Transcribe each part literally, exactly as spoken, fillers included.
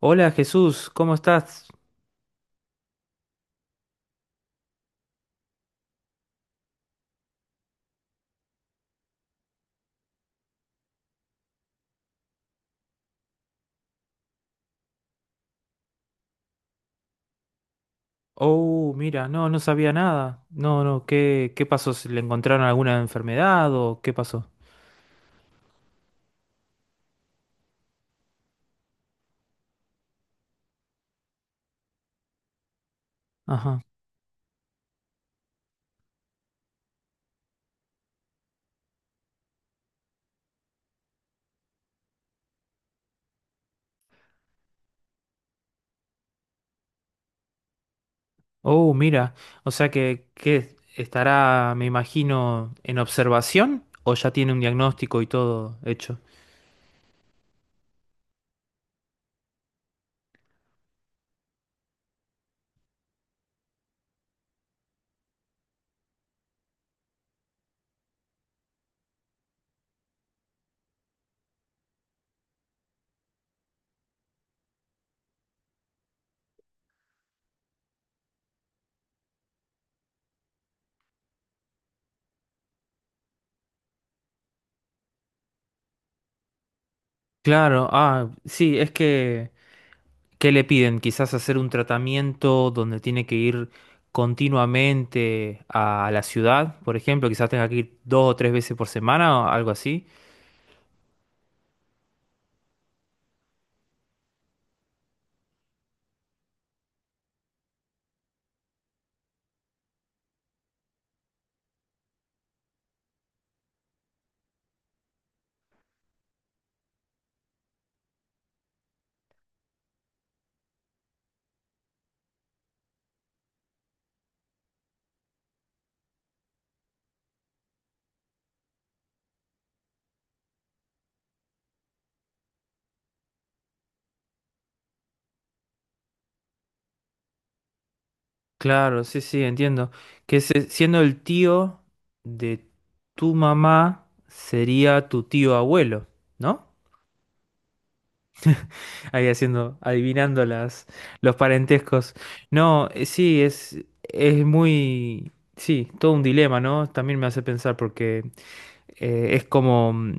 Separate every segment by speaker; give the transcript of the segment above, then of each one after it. Speaker 1: Hola Jesús, ¿cómo estás? Oh, mira, no, no sabía nada. No, no, ¿qué, qué pasó? ¿Se ¿Le encontraron alguna enfermedad o qué pasó? Ajá. Oh, mira, o sea que, que estará, me imagino, en observación o ya tiene un diagnóstico y todo hecho. Claro, ah, sí, es que, ¿qué le piden? Quizás hacer un tratamiento donde tiene que ir continuamente a la ciudad, por ejemplo, quizás tenga que ir dos o tres veces por semana o algo así. Claro, sí, sí, entiendo. Que se- siendo el tío de tu mamá, sería tu tío abuelo, ¿no? Ahí haciendo, adivinando las, los parentescos. No, eh, sí, es, es muy, sí, todo un dilema, ¿no? También me hace pensar porque eh, es como, mm,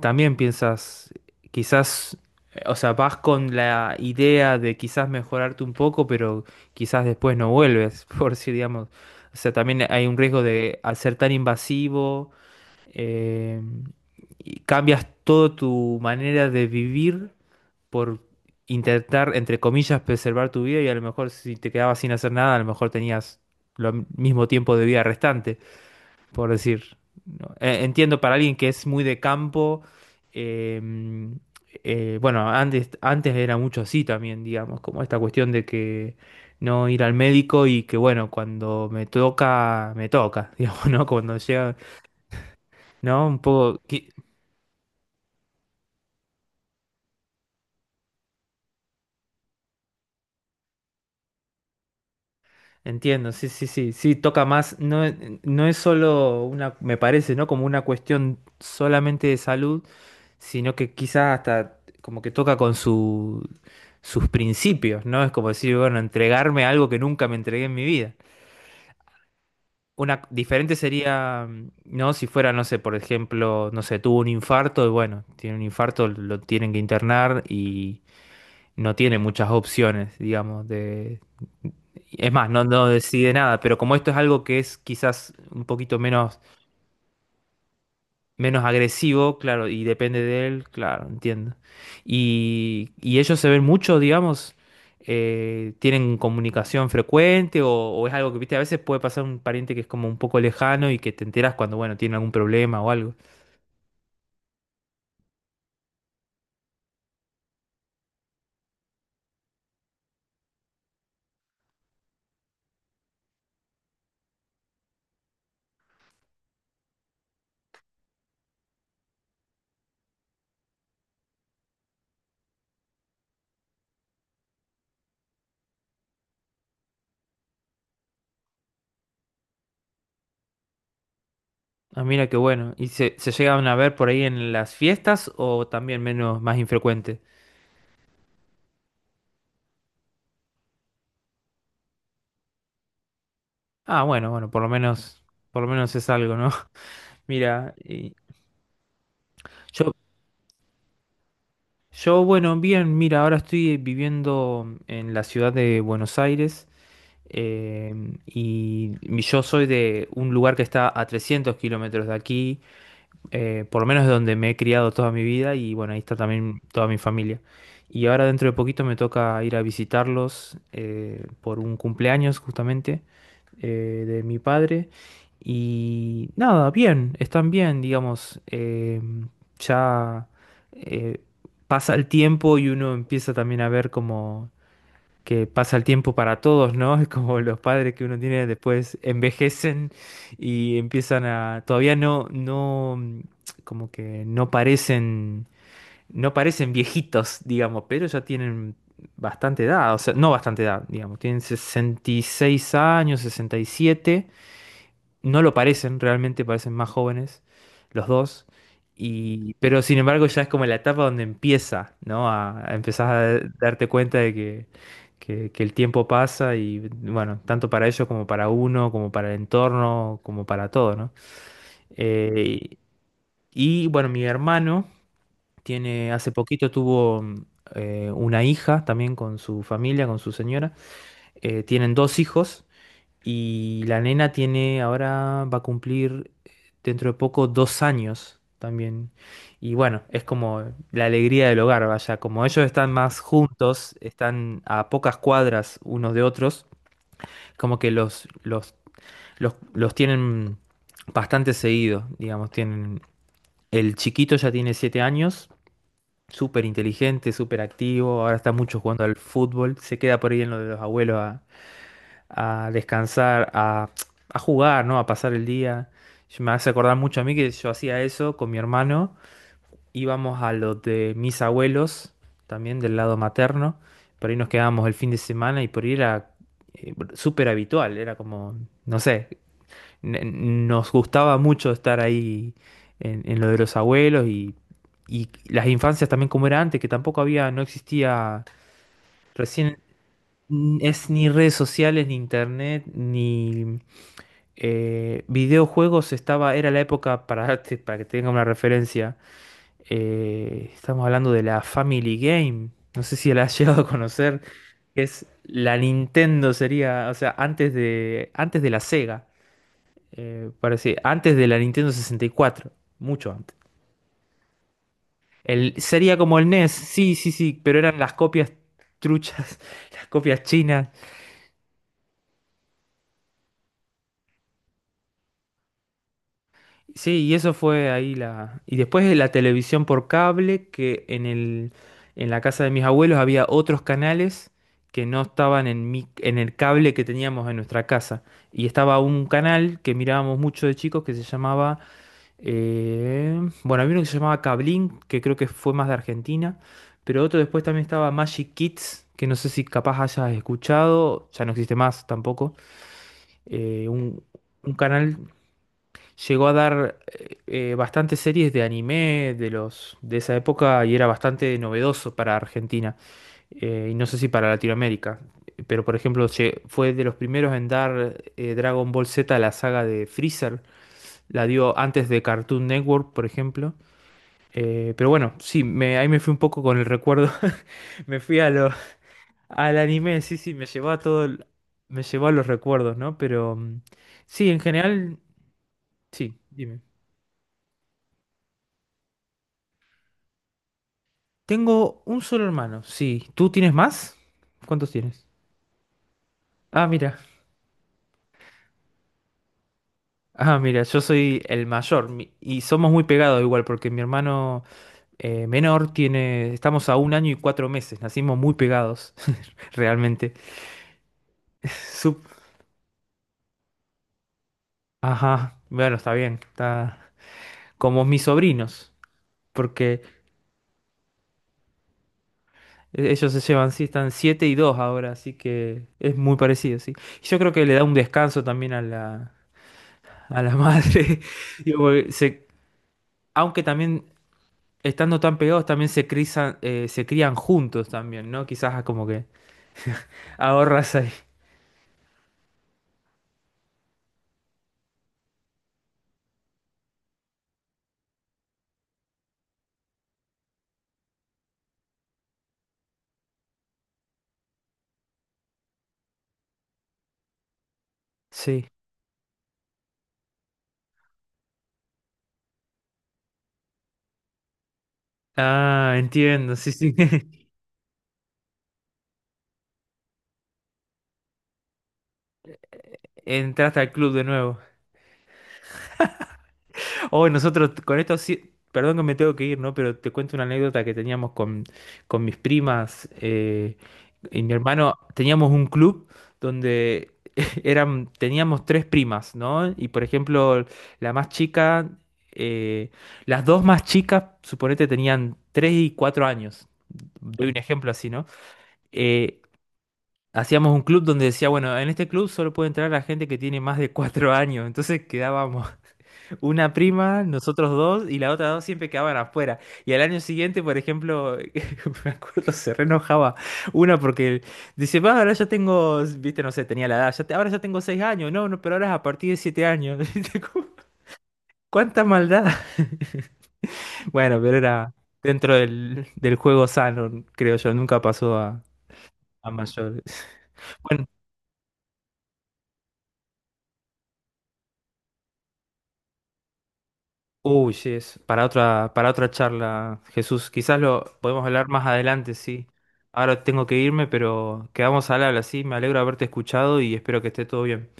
Speaker 1: también piensas, quizás, eh, o sea, vas con la idea de quizás mejorarte un poco, pero quizás después no vuelves, por si, digamos, o sea, también hay un riesgo de, al ser tan invasivo, eh, y cambias toda tu manera de vivir por intentar, entre comillas, preservar tu vida y a lo mejor si te quedabas sin hacer nada, a lo mejor tenías lo mismo tiempo de vida restante por decir. ¿No? Eh, entiendo para alguien que es muy de campo, eh, eh, bueno, antes, antes era mucho así también, digamos, como esta cuestión de que no ir al médico y que bueno, cuando me toca, me toca, digamos, ¿no? Cuando llega, ¿no? Un poco, que- entiendo, sí, sí, sí, sí, toca más, no, no es solo una, me parece, ¿no? Como una cuestión solamente de salud, sino que quizás hasta como que toca con su, sus principios, ¿no? Es como decir, bueno, entregarme a algo que nunca me entregué en mi vida. Una diferente sería, mm, ¿no? Si fuera, no sé, por ejemplo, no sé, tuvo un infarto y bueno, tiene un infarto, lo tienen que internar y no tiene muchas opciones, digamos, de... Es más, no, no decide nada, pero como esto es algo que es quizás un poquito menos menos agresivo, claro, y depende de él, claro, entiendo. Y, y ellos se ven mucho, digamos, eh, tienen comunicación frecuente o, o es algo que, viste, a veces puede pasar un pariente que es como un poco lejano y que te enteras cuando, bueno, tiene algún problema o algo. Ah, mira qué bueno. ¿Y se, se llegan a ver por ahí en las fiestas o también menos, más infrecuente? Ah, bueno, bueno, por lo menos, por lo menos es algo, ¿no? Mira, y- yo yo, bueno, bien, mira, ahora estoy viviendo en la ciudad de Buenos Aires eh, y mi- yo soy de un lugar que está a trescientos kilómetros de aquí, eh, por lo menos es donde me he criado toda mi vida y bueno, ahí está también toda mi familia. Y ahora dentro de poquito me toca ir a visitarlos eh, por un cumpleaños justamente eh, de mi padre. Y nada, bien, están bien, digamos, eh, ya eh, pasa el tiempo y uno empieza también a ver como que pasa el tiempo para todos, ¿no? Es como los padres que uno tiene después envejecen y empiezan a, todavía no, no, mm, como que no parecen, no parecen viejitos, digamos, pero ya tienen bastante edad, o sea, no bastante edad, digamos, tienen sesenta y seis años, sesenta y siete. No lo parecen, realmente parecen más jóvenes los dos. Y, pero sin embargo ya es como la etapa donde empieza, ¿no? A, a empezar a darte cuenta de que, que- que el tiempo pasa y bueno, tanto para ellos como para uno, como para el entorno, como para todo, ¿no? Eh, y bueno, mi hermano tiene, hace poquito tuvo mm, eh, una hija también con su familia, con su señora. Eh, tienen dos hijos. Y la nena tiene ahora, va a cumplir eh, dentro de poco dos años también. Y bueno, es como la alegría del hogar, vaya. Como ellos están más juntos, están a pocas cuadras unos de otros, como que los, los, los, los tienen bastante seguidos digamos. Tienen, el chiquito ya tiene siete años, súper inteligente, súper activo, ahora está mucho jugando al fútbol, se queda por ahí en lo de los abuelos a a descansar, a, a jugar, ¿no? A pasar el día. Yo- Me hace acordar mucho a mí que yo hacía eso con mi hermano. Íbamos a los de mis abuelos, también del lado materno. Por ahí nos quedábamos el fin de semana y por ahí era eh, súper habitual. Era como, no sé, n- nos gustaba mucho estar ahí en, en lo de los abuelos y, y las infancias también como era antes, que tampoco había, no existía recién... Es ni redes sociales, ni internet, ni eh, videojuegos estaba, era la época, para, para que tengan una referencia, eh, estamos hablando de la Family Game, no sé si la has llegado a conocer, que es la Nintendo sería, o sea, antes de, antes de la Sega, eh, parece, antes de la Nintendo sesenta y cuatro, mucho antes. El, sería como el N E S, sí, sí, sí, pero eran las copias truchas, las copias chinas. Sí, y eso fue ahí la... Y después de la televisión por cable, que en el, en la casa de mis abuelos había otros canales que no estaban en mi, en el cable que teníamos en nuestra casa. Y estaba un canal que mirábamos mucho de chicos que se llamaba... eh, bueno, había uno que se llamaba Cablín, que creo que fue más de Argentina. Pero otro después también estaba Magic Kids, que no sé si capaz hayas escuchado, ya no existe más tampoco. eh, un, un canal... Llegó a dar eh, eh, bastantes series de anime de los de esa época y era bastante novedoso para Argentina eh, y no sé si para Latinoamérica. Pero por ejemplo, lle- fue de los primeros en dar eh, Dragon Ball Z, la saga de Freezer. La dio antes de Cartoon Network, por ejemplo. Eh, pero bueno, sí, me, ahí me fui un poco con el recuerdo. Me fui a lo, al anime, sí, sí, me llevó a todo, el- me llevó a los recuerdos, ¿no? Pero mm, sí, en general, sí, dime. Tengo un solo hermano, sí. ¿Tú tienes más? ¿Cuántos tienes? Ah, mira. Ah, mira, yo soy el mayor mi- y somos muy pegados igual porque mi hermano eh, menor tiene, estamos a un año y cuatro meses, nacimos muy pegados, realmente. Sup- Ajá, bueno, está bien, está como mis sobrinos, porque e- ellos se llevan, sí, están siete y dos ahora, así que es muy parecido, sí. Y yo creo que le da un descanso también a la, a la madre, digo, porque se- aunque también estando tan pegados también se crizan, eh, se crían juntos también, ¿no? Quizás como que ahorras ahí. Sí. Ah, entiendo, sí, sí. Entraste al club de nuevo. Hoy nosotros con esto sí, perdón que me tengo que ir, ¿no? Pero te cuento una anécdota que teníamos con, con mis primas. eh, Y mi hermano, teníamos un club donde eran, teníamos tres primas, ¿no? Y por ejemplo, la más chica, eh, las dos más chicas, suponete, tenían tres y cuatro años. Doy un ejemplo así, ¿no? Eh, hacíamos un club donde decía, bueno, en este club solo puede entrar la gente que tiene más de cuatro años. Entonces quedábamos una prima, nosotros dos, y la otra dos siempre quedaban afuera. Y al año siguiente, por ejemplo, me acuerdo, se re enojaba una porque dice, va, ahora ya tengo, viste, no sé, tenía la edad, ya te- ahora ya tengo seis años, no, no, pero ahora es a partir de siete años. ¿Viste? Como, ¿cuánta maldad? Bueno, pero era dentro del, del juego sano, creo yo, nunca pasó a, a mayores. Uy, sí, es para otra, para otra charla, Jesús. Quizás lo podemos hablar más adelante, sí. Ahora tengo que irme, pero quedamos al habla, sí. Me alegro de haberte escuchado y espero que esté todo bien.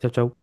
Speaker 1: Chau, chau.